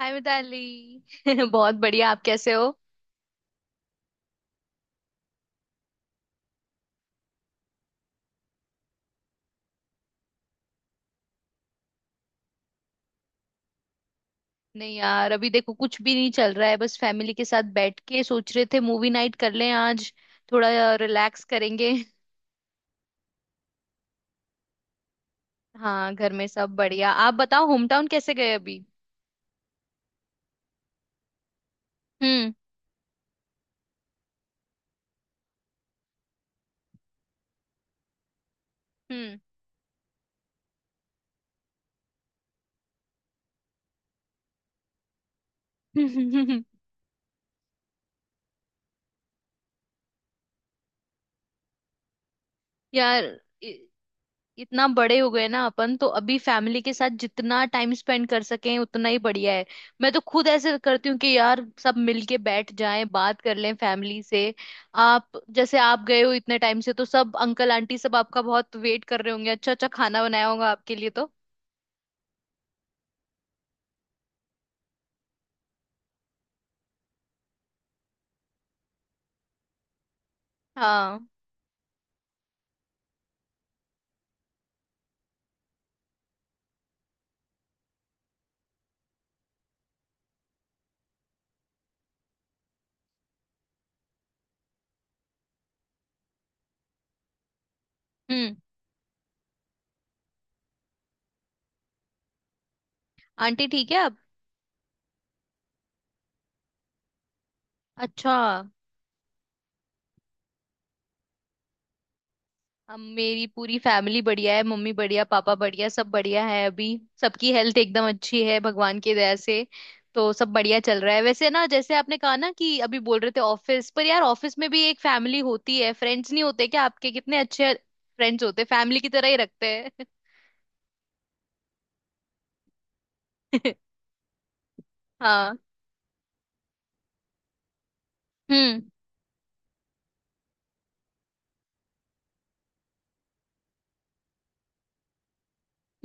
हाय मिताली। बहुत बढ़िया, आप कैसे हो। नहीं यार, अभी देखो कुछ भी नहीं चल रहा है। बस फैमिली के साथ बैठ के सोच रहे थे मूवी नाइट कर लें आज, थोड़ा रिलैक्स करेंगे। हाँ, घर में सब बढ़िया। आप बताओ होम टाउन कैसे गए अभी। हम्म। हम्म। यार, इतना बड़े हो गए ना अपन, तो अभी फैमिली के साथ जितना टाइम स्पेंड कर सकें उतना ही बढ़िया है। मैं तो खुद ऐसे करती हूँ कि यार सब मिलके बैठ जाएं, बात कर लें फैमिली से। आप जैसे आप गए हो इतने टाइम से, तो सब अंकल आंटी सब आपका बहुत वेट कर रहे होंगे, अच्छा अच्छा खाना बनाया होगा आपके लिए तो। हाँ। हम्म। आंटी ठीक है, आप? अच्छा। अब मेरी पूरी फैमिली बढ़िया है, मम्मी बढ़िया, पापा बढ़िया, सब बढ़िया है अभी। सबकी हेल्थ एकदम अच्छी है भगवान की दया से। तो सब बढ़िया चल रहा है वैसे ना। जैसे आपने कहा ना कि अभी बोल रहे थे ऑफिस पर, यार ऑफिस में भी एक फैमिली होती है। फ्रेंड्स नहीं होते क्या आपके? कितने अच्छे फ्रेंड्स होते, फैमिली की तरह ही रखते हैं। हाँ। हम्म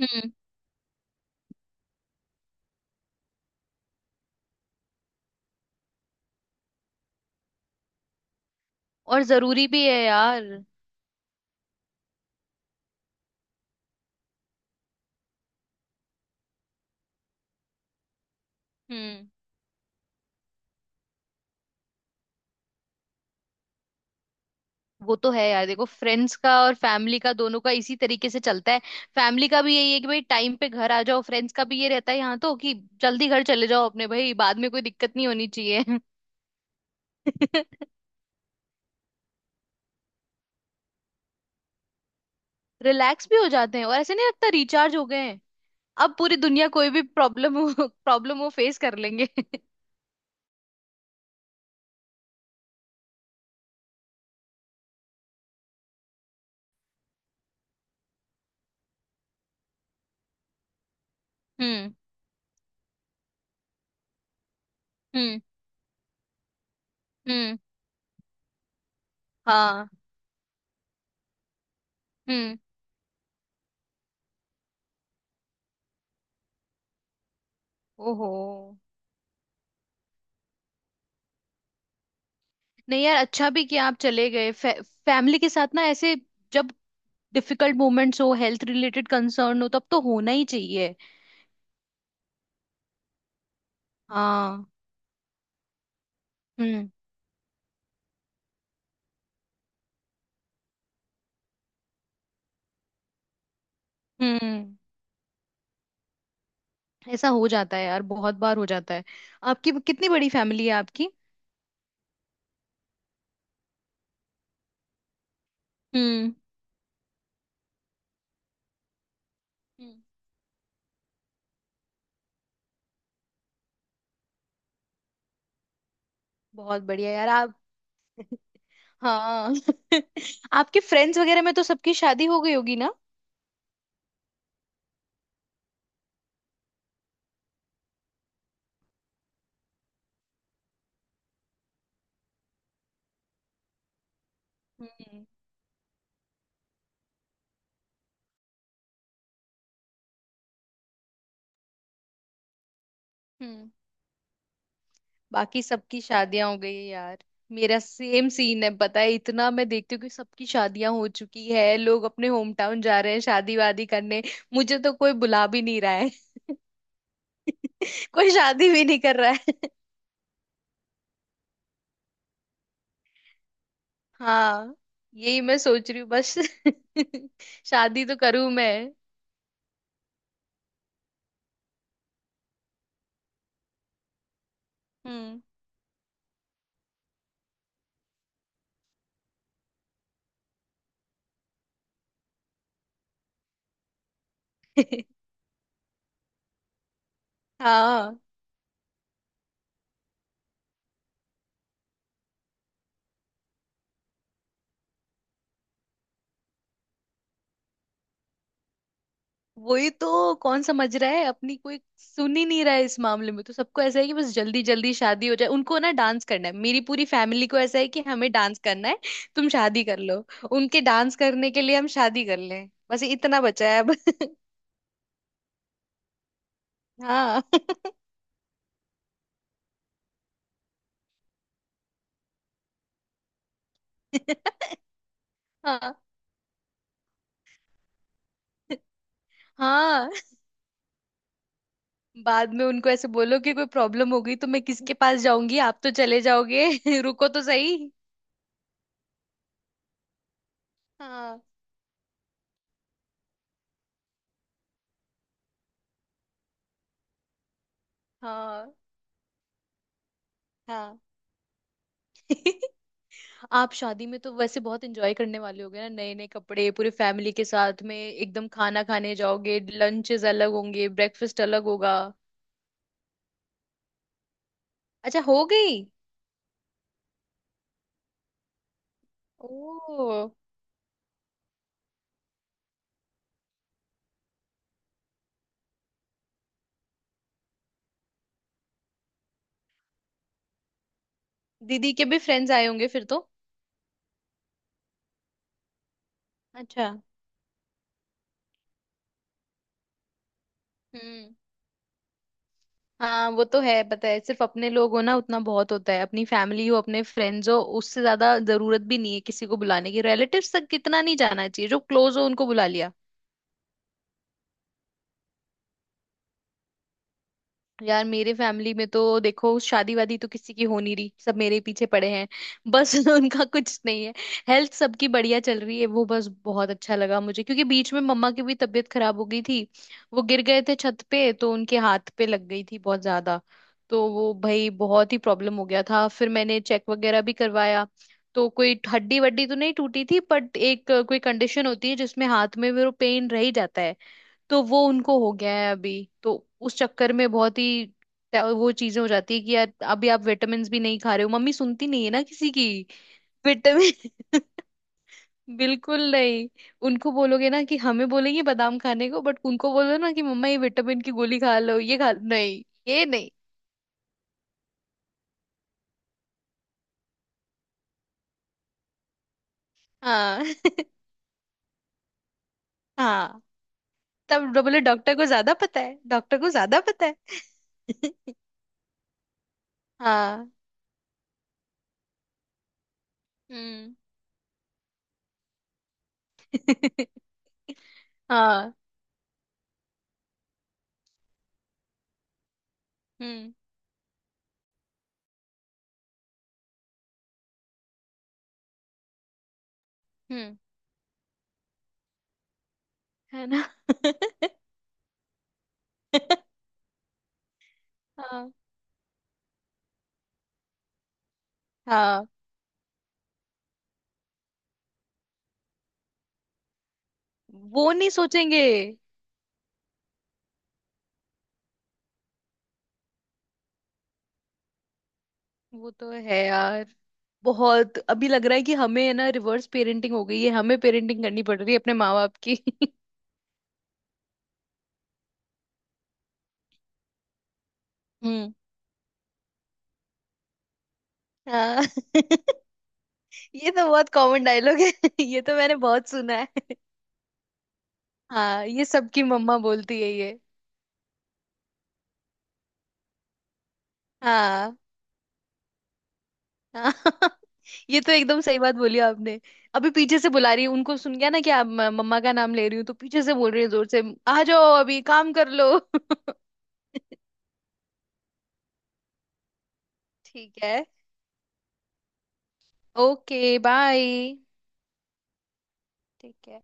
हम्म। और जरूरी भी है यार। हम्म। वो तो है यार। देखो फ्रेंड्स का और फैमिली का दोनों का इसी तरीके से चलता है। फैमिली का भी यही है कि भाई टाइम पे घर आ जाओ, फ्रेंड्स का भी ये रहता है यहाँ तो, कि जल्दी घर चले जाओ अपने भाई, बाद में कोई दिक्कत नहीं होनी चाहिए। रिलैक्स भी हो जाते हैं और ऐसे नहीं लगता, रिचार्ज हो गए हैं। अब पूरी दुनिया, कोई भी प्रॉब्लम हो, प्रॉब्लम वो फेस कर लेंगे। हम्म। हम्म। हम्म। हाँ। हम्म। ओहो। नहीं यार, अच्छा भी किया आप चले गए। फैमिली के साथ ना ऐसे, जब डिफिकल्ट मोमेंट्स हो, हेल्थ रिलेटेड कंसर्न हो, तब तो होना ही चाहिए। हाँ। हम्म। हम्म। ऐसा हो जाता है यार, बहुत बार हो जाता है। आपकी कितनी बड़ी फैमिली है आपकी? हम्म। हम्म। बहुत बढ़िया यार आप। हाँ। आपके फ्रेंड्स वगैरह में तो सबकी शादी हो गई होगी ना? हम्म। हम्म। बाकी सबकी शादियां हो गई है यार। मेरा सेम सीन है, पता है। इतना मैं देखती हूँ कि सबकी शादियां हो चुकी है, लोग अपने होम टाउन जा रहे हैं शादी वादी करने। मुझे तो कोई बुला भी नहीं रहा। कोई शादी भी नहीं कर रहा है। हाँ, यही मैं सोच रही हूँ बस। शादी तो करूं मैं। हम्म। हाँ, वही तो। कौन समझ रहा है? अपनी कोई सुन ही नहीं रहा है इस मामले में, तो सबको ऐसा है कि बस जल्दी जल्दी शादी हो जाए, उनको ना डांस करना है। मेरी पूरी फैमिली को ऐसा है कि हमें डांस करना है। तुम शादी कर लो, उनके डांस करने के लिए हम शादी कर लें। बस इतना बचा है अब। हाँ। हाँ। हाँ। बाद में उनको ऐसे बोलो कि कोई प्रॉब्लम हो गई तो मैं किसके पास जाऊंगी, आप तो चले जाओगे। रुको तो सही। हाँ। हाँ। हाँ। आप शादी में तो वैसे बहुत एंजॉय करने वाले होगे ना, नए नए कपड़े, पूरी फैमिली के साथ में एकदम खाना खाने जाओगे, लंचेस अलग होंगे, ब्रेकफास्ट अलग होगा। अच्छा, हो गई। ओ। दीदी के भी फ्रेंड्स आए होंगे फिर तो? अच्छा। हम्म। हाँ, वो तो है। पता है, सिर्फ अपने लोग हो ना उतना बहुत होता है। अपनी फैमिली हो, अपने फ्रेंड्स हो, उससे ज्यादा जरूरत भी नहीं है किसी को बुलाने की। रिलेटिव्स तक कितना नहीं जाना चाहिए, जो क्लोज हो उनको बुला लिया। यार मेरे फैमिली में तो देखो, शादी वादी तो किसी की हो नहीं रही, सब मेरे ही पीछे पड़े हैं बस। उनका कुछ नहीं है। हेल्थ सबकी बढ़िया चल रही है। वो बस बहुत अच्छा लगा मुझे, क्योंकि बीच में मम्मा की भी तबीयत खराब हो गई थी। वो गिर गए थे छत पे, तो उनके हाथ पे लग गई थी बहुत ज्यादा। तो वो भाई बहुत ही प्रॉब्लम हो गया था, फिर मैंने चेक वगैरह भी करवाया। तो कोई हड्डी वड्डी तो नहीं टूटी थी, बट एक कोई कंडीशन होती है जिसमें हाथ में वो पेन रह ही जाता है। तो वो उनको हो गया है अभी। तो उस चक्कर में बहुत ही वो चीजें हो जाती है कि यार अभी आप विटामिन भी नहीं खा रहे हो। मम्मी सुनती नहीं है ना किसी की। विटामिन। बिल्कुल नहीं। उनको बोलोगे ना कि हमें बोलेंगे बादाम खाने को, बट उनको बोलो ना कि मम्मा ये विटामिन की गोली खा लो, ये खा नहीं। ये नहीं। हाँ। हाँ, तब बोले डॉक्टर को ज्यादा पता है, डॉक्टर को ज्यादा पता है। हाँ। हम्म। हाँ। हम्म। हम्म। है ना। हाँ। हाँ। वो नहीं सोचेंगे। वो तो है यार। बहुत अभी लग रहा है कि हमें है ना रिवर्स पेरेंटिंग हो गई है, हमें पेरेंटिंग करनी पड़ रही है अपने माँ बाप की। हम्म। हाँ। ये तो बहुत कॉमन डायलॉग है। ये तो मैंने बहुत सुना है। हाँ, ये सबकी मम्मा बोलती है ये। हाँ। हाँ। ये तो एकदम सही बात बोली आपने। अभी पीछे से बुला रही है। उनको सुन गया ना कि आप, मम्मा का नाम ले रही हूँ, तो पीछे से बोल रही है जोर से, आ जाओ अभी काम कर लो। ठीक है। Okay, bye. ठीक है।